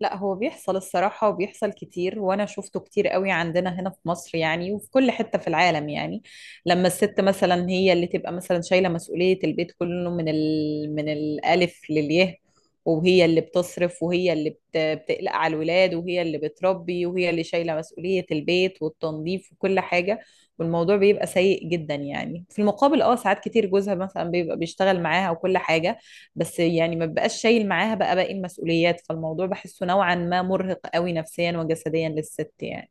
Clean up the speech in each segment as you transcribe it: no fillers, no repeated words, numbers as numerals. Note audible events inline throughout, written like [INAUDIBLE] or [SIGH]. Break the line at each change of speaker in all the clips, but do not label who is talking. لا، هو بيحصل الصراحة وبيحصل كتير، وأنا شفته كتير قوي عندنا هنا في مصر يعني، وفي كل حتة في العالم يعني. لما الست مثلا هي اللي تبقى مثلا شايلة مسؤولية البيت كله من الألف للياء، وهي اللي بتصرف، وهي اللي بتقلق على الولاد، وهي اللي بتربي، وهي اللي شايلة مسؤولية البيت والتنظيف وكل حاجة. والموضوع بيبقى سيء جدا يعني. في المقابل ساعات كتير جوزها مثلا بيبقى بيشتغل معاها وكل حاجة، بس يعني ما بقاش شايل معاها بقى باقي المسؤوليات. فالموضوع بحسه نوعا ما مرهق قوي نفسيا وجسديا للست يعني.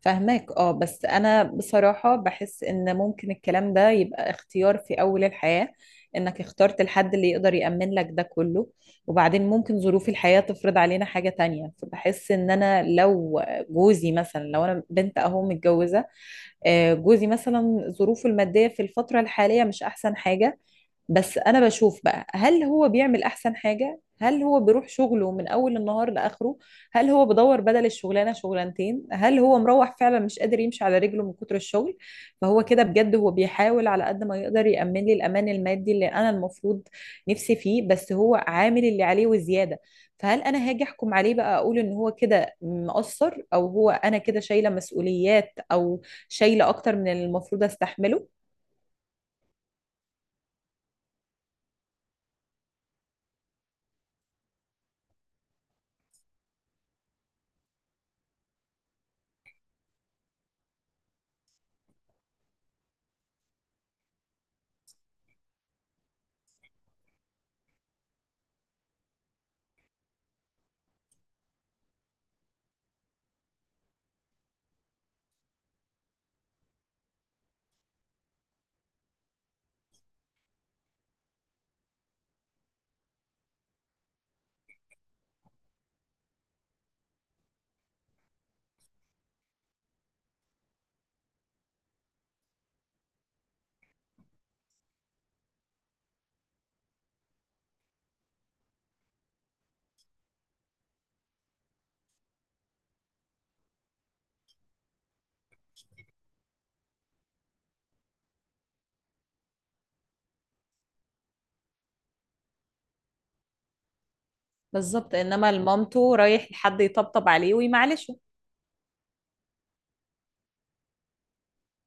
فهماك بس انا بصراحة بحس ان ممكن الكلام ده يبقى اختيار في اول الحياة، انك اخترت الحد اللي يقدر يأمن لك ده كله، وبعدين ممكن ظروف الحياة تفرض علينا حاجة تانية. فبحس ان انا لو جوزي مثلا، لو انا بنت اهو متجوزة، جوزي مثلا ظروفه المادية في الفترة الحالية مش احسن حاجة. بس انا بشوف بقى، هل هو بيعمل احسن حاجة؟ هل هو بيروح شغله من اول النهار لاخره؟ هل هو بدور بدل الشغلانة شغلانتين؟ هل هو مروح فعلا مش قادر يمشي على رجله من كتر الشغل؟ فهو كده بجد هو بيحاول على قد ما يقدر يأمن لي الامان المادي اللي انا المفروض نفسي فيه، بس هو عامل اللي عليه وزيادة. فهل انا هاجي احكم عليه بقى، اقول ان هو كده مقصر، او هو انا كده شايلة مسؤوليات او شايلة اكتر من اللي المفروض استحمله؟ بالظبط، انما لمامته رايح لحد يطبطب عليه ويمعلشه.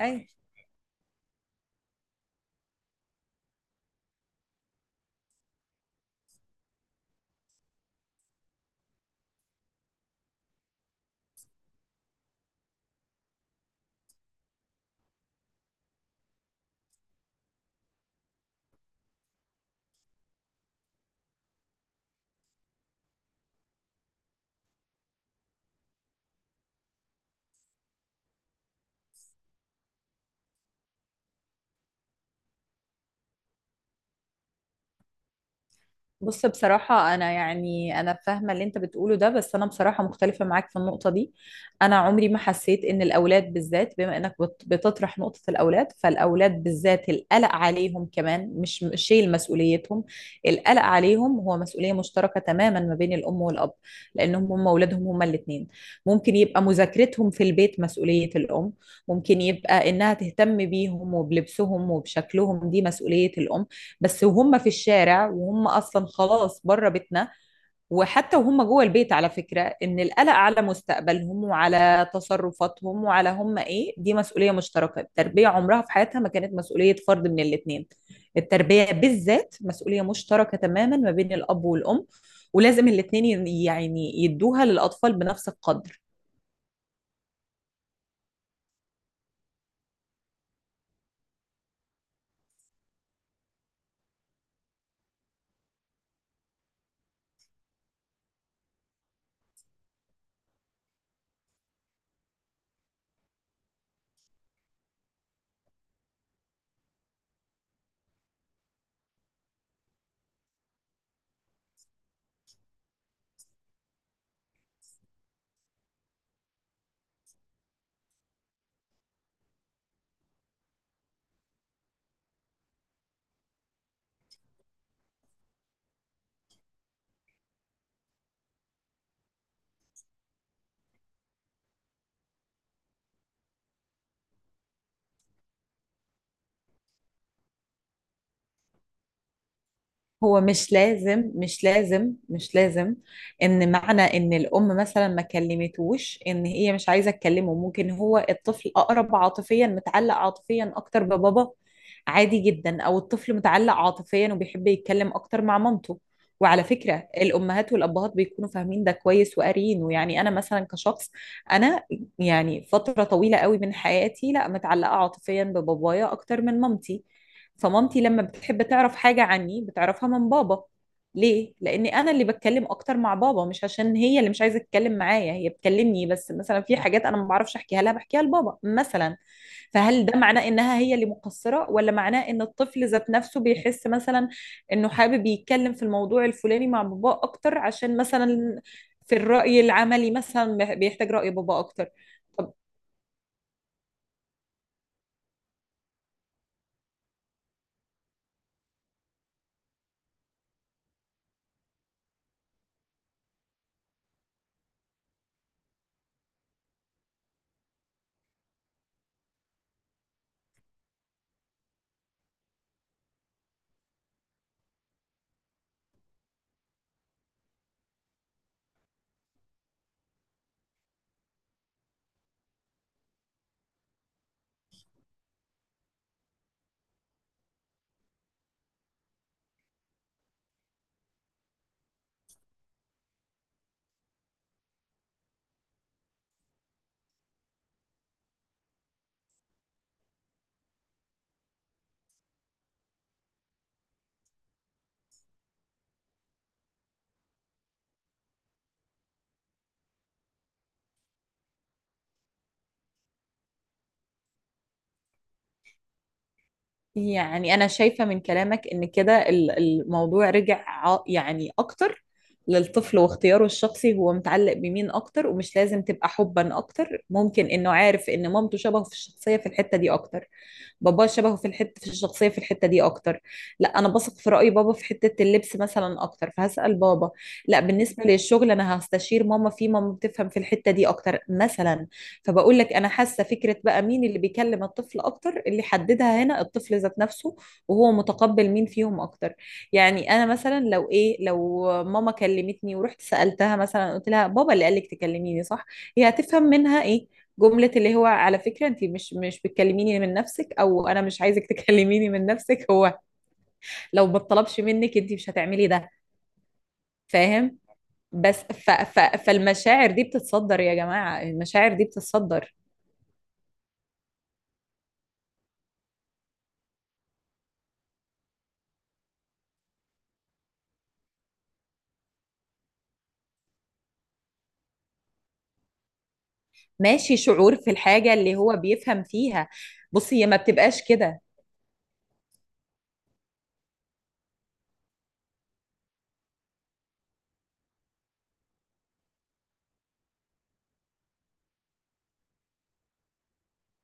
اي. بص، بصراحة أنا يعني أنا فاهمة اللي أنت بتقوله ده، بس أنا بصراحة مختلفة معاك في النقطة دي. أنا عمري ما حسيت إن الأولاد بالذات، بما إنك بتطرح نقطة الأولاد، فالأولاد بالذات القلق عليهم كمان مش شيل مسؤوليتهم. القلق عليهم هو مسؤولية مشتركة تماما ما بين الأم والأب، لأنهم هم أولادهم هما الاتنين. ممكن يبقى مذاكرتهم في البيت مسؤولية الأم، ممكن يبقى إنها تهتم بيهم وبلبسهم وبشكلهم، دي مسؤولية الأم. بس وهم في الشارع وهم اصلا خلاص بره بيتنا، وحتى وهم جوه البيت، على فكره ان القلق على مستقبلهم وعلى تصرفاتهم وعلى هم ايه، دي مسؤوليه مشتركه. التربيه عمرها في حياتها ما كانت مسؤوليه فرد من الاثنين. التربيه بالذات مسؤوليه مشتركه تماما ما بين الاب والام، ولازم الاثنين يعني يدوها للاطفال بنفس القدر. هو مش لازم، مش لازم، مش لازم ان معنى ان الام مثلا ما كلمتوش ان هي مش عايزه تكلمه. ممكن هو الطفل اقرب عاطفيا، متعلق عاطفيا اكتر ببابا، عادي جدا. او الطفل متعلق عاطفيا وبيحب يتكلم اكتر مع مامته. وعلى فكره الامهات والابهات بيكونوا فاهمين ده كويس وقاريينه. يعني انا مثلا كشخص، انا يعني فتره طويله قوي من حياتي لا متعلقه عاطفيا ببابايا اكتر من مامتي. فمامتي لما بتحب تعرف حاجة عني بتعرفها من بابا. ليه؟ لأن أنا اللي بتكلم أكتر مع بابا، مش عشان هي اللي مش عايزة تتكلم معايا، هي بتكلمني، بس مثلا في حاجات أنا ما بعرفش أحكيها لها بحكيها لبابا مثلا. فهل ده معناه إنها هي اللي مقصرة، ولا معناه إن الطفل ذات نفسه بيحس مثلا إنه حابب يتكلم في الموضوع الفلاني مع بابا أكتر، عشان مثلا في الرأي العملي مثلا بيحتاج رأي بابا أكتر. يعني أنا شايفة من كلامك إن كده الموضوع رجع يعني أكتر للطفل واختياره الشخصي، هو متعلق بمين أكتر. ومش لازم تبقى حبا أكتر، ممكن إنه عارف إن مامته شبهه في الشخصية في الحتة دي أكتر، باباه شبهه في الحته في الشخصيه في الحته دي اكتر. لا، انا بثق في راي بابا في حته اللبس مثلا اكتر، فهسال بابا. لا، بالنسبه للشغل انا هستشير ماما فيه، ماما بتفهم في الحته دي اكتر مثلا. فبقول لك انا حاسه فكره بقى مين اللي بيكلم الطفل اكتر، اللي حددها هنا الطفل ذات نفسه، وهو متقبل مين فيهم اكتر. يعني انا مثلا، لو ايه، لو ماما كلمتني ورحت سالتها مثلا قلت لها بابا اللي قال لك تكلميني، صح؟ هي هتفهم منها ايه؟ جملة اللي هو على فكرة انت مش بتكلميني من نفسك، او انا مش عايزك [LAUGHS] تكلميني من نفسك، هو لو ما اتطلبش منك انت مش هتعملي ده. فاهم؟ بس ف ف فالمشاعر دي بتتصدر يا جماعة، المشاعر دي بتتصدر. ماشي، شعور في الحاجة اللي هو بيفهم فيها. بصي، هي ما بتبقاش كده.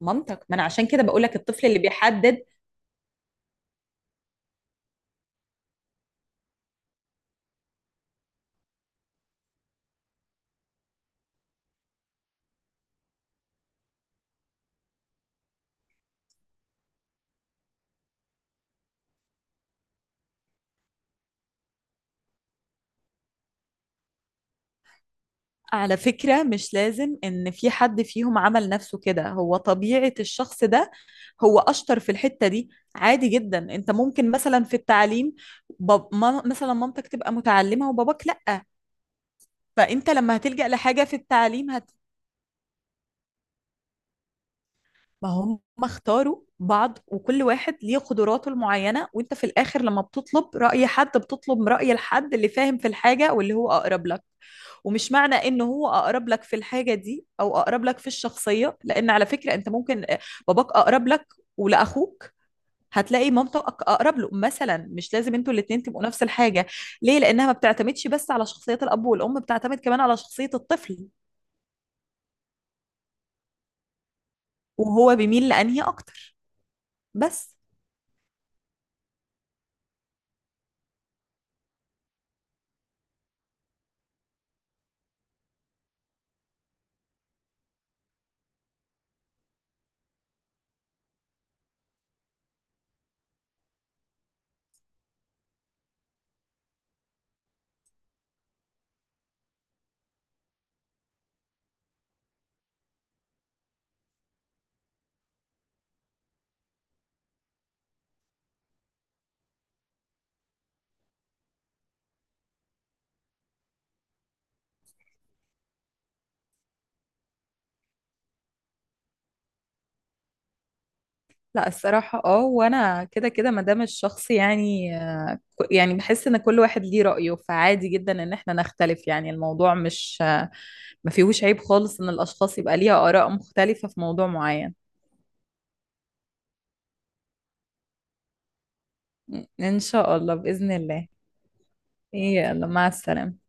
منطق، ما انا عشان كده بقول لك الطفل اللي بيحدد. على فكرة مش لازم إن في حد فيهم عمل نفسه كده، هو طبيعة الشخص ده هو أشطر في الحتة دي. عادي جدا، أنت ممكن مثلا في التعليم، باب ما مثلا مامتك تبقى متعلمة وباباك لأ، فأنت لما هتلجأ لحاجة في التعليم ما هم اختاروا بعض، وكل واحد ليه قدراته المعينة، وأنت في الآخر لما بتطلب رأي حد بتطلب رأي الحد اللي فاهم في الحاجة واللي هو أقرب لك. ومش معنى انه هو اقرب لك في الحاجه دي او اقرب لك في الشخصيه، لان على فكره انت ممكن باباك اقرب لك، ولاخوك هتلاقي مامتك اقرب له مثلا، مش لازم انتوا الاثنين تبقوا نفس الحاجه. ليه؟ لانها ما بتعتمدش بس على شخصيه الاب والام، بتعتمد كمان على شخصيه الطفل وهو بيميل لانهي اكتر. بس. لا، الصراحة وانا كده كده، ما دام الشخص يعني يعني بحس ان كل واحد ليه رأيه، فعادي جدا ان احنا نختلف. يعني الموضوع مش ما فيهوش عيب خالص ان الاشخاص يبقى ليها آراء مختلفة في موضوع معين. ان شاء الله بإذن الله. يلا، مع السلامة.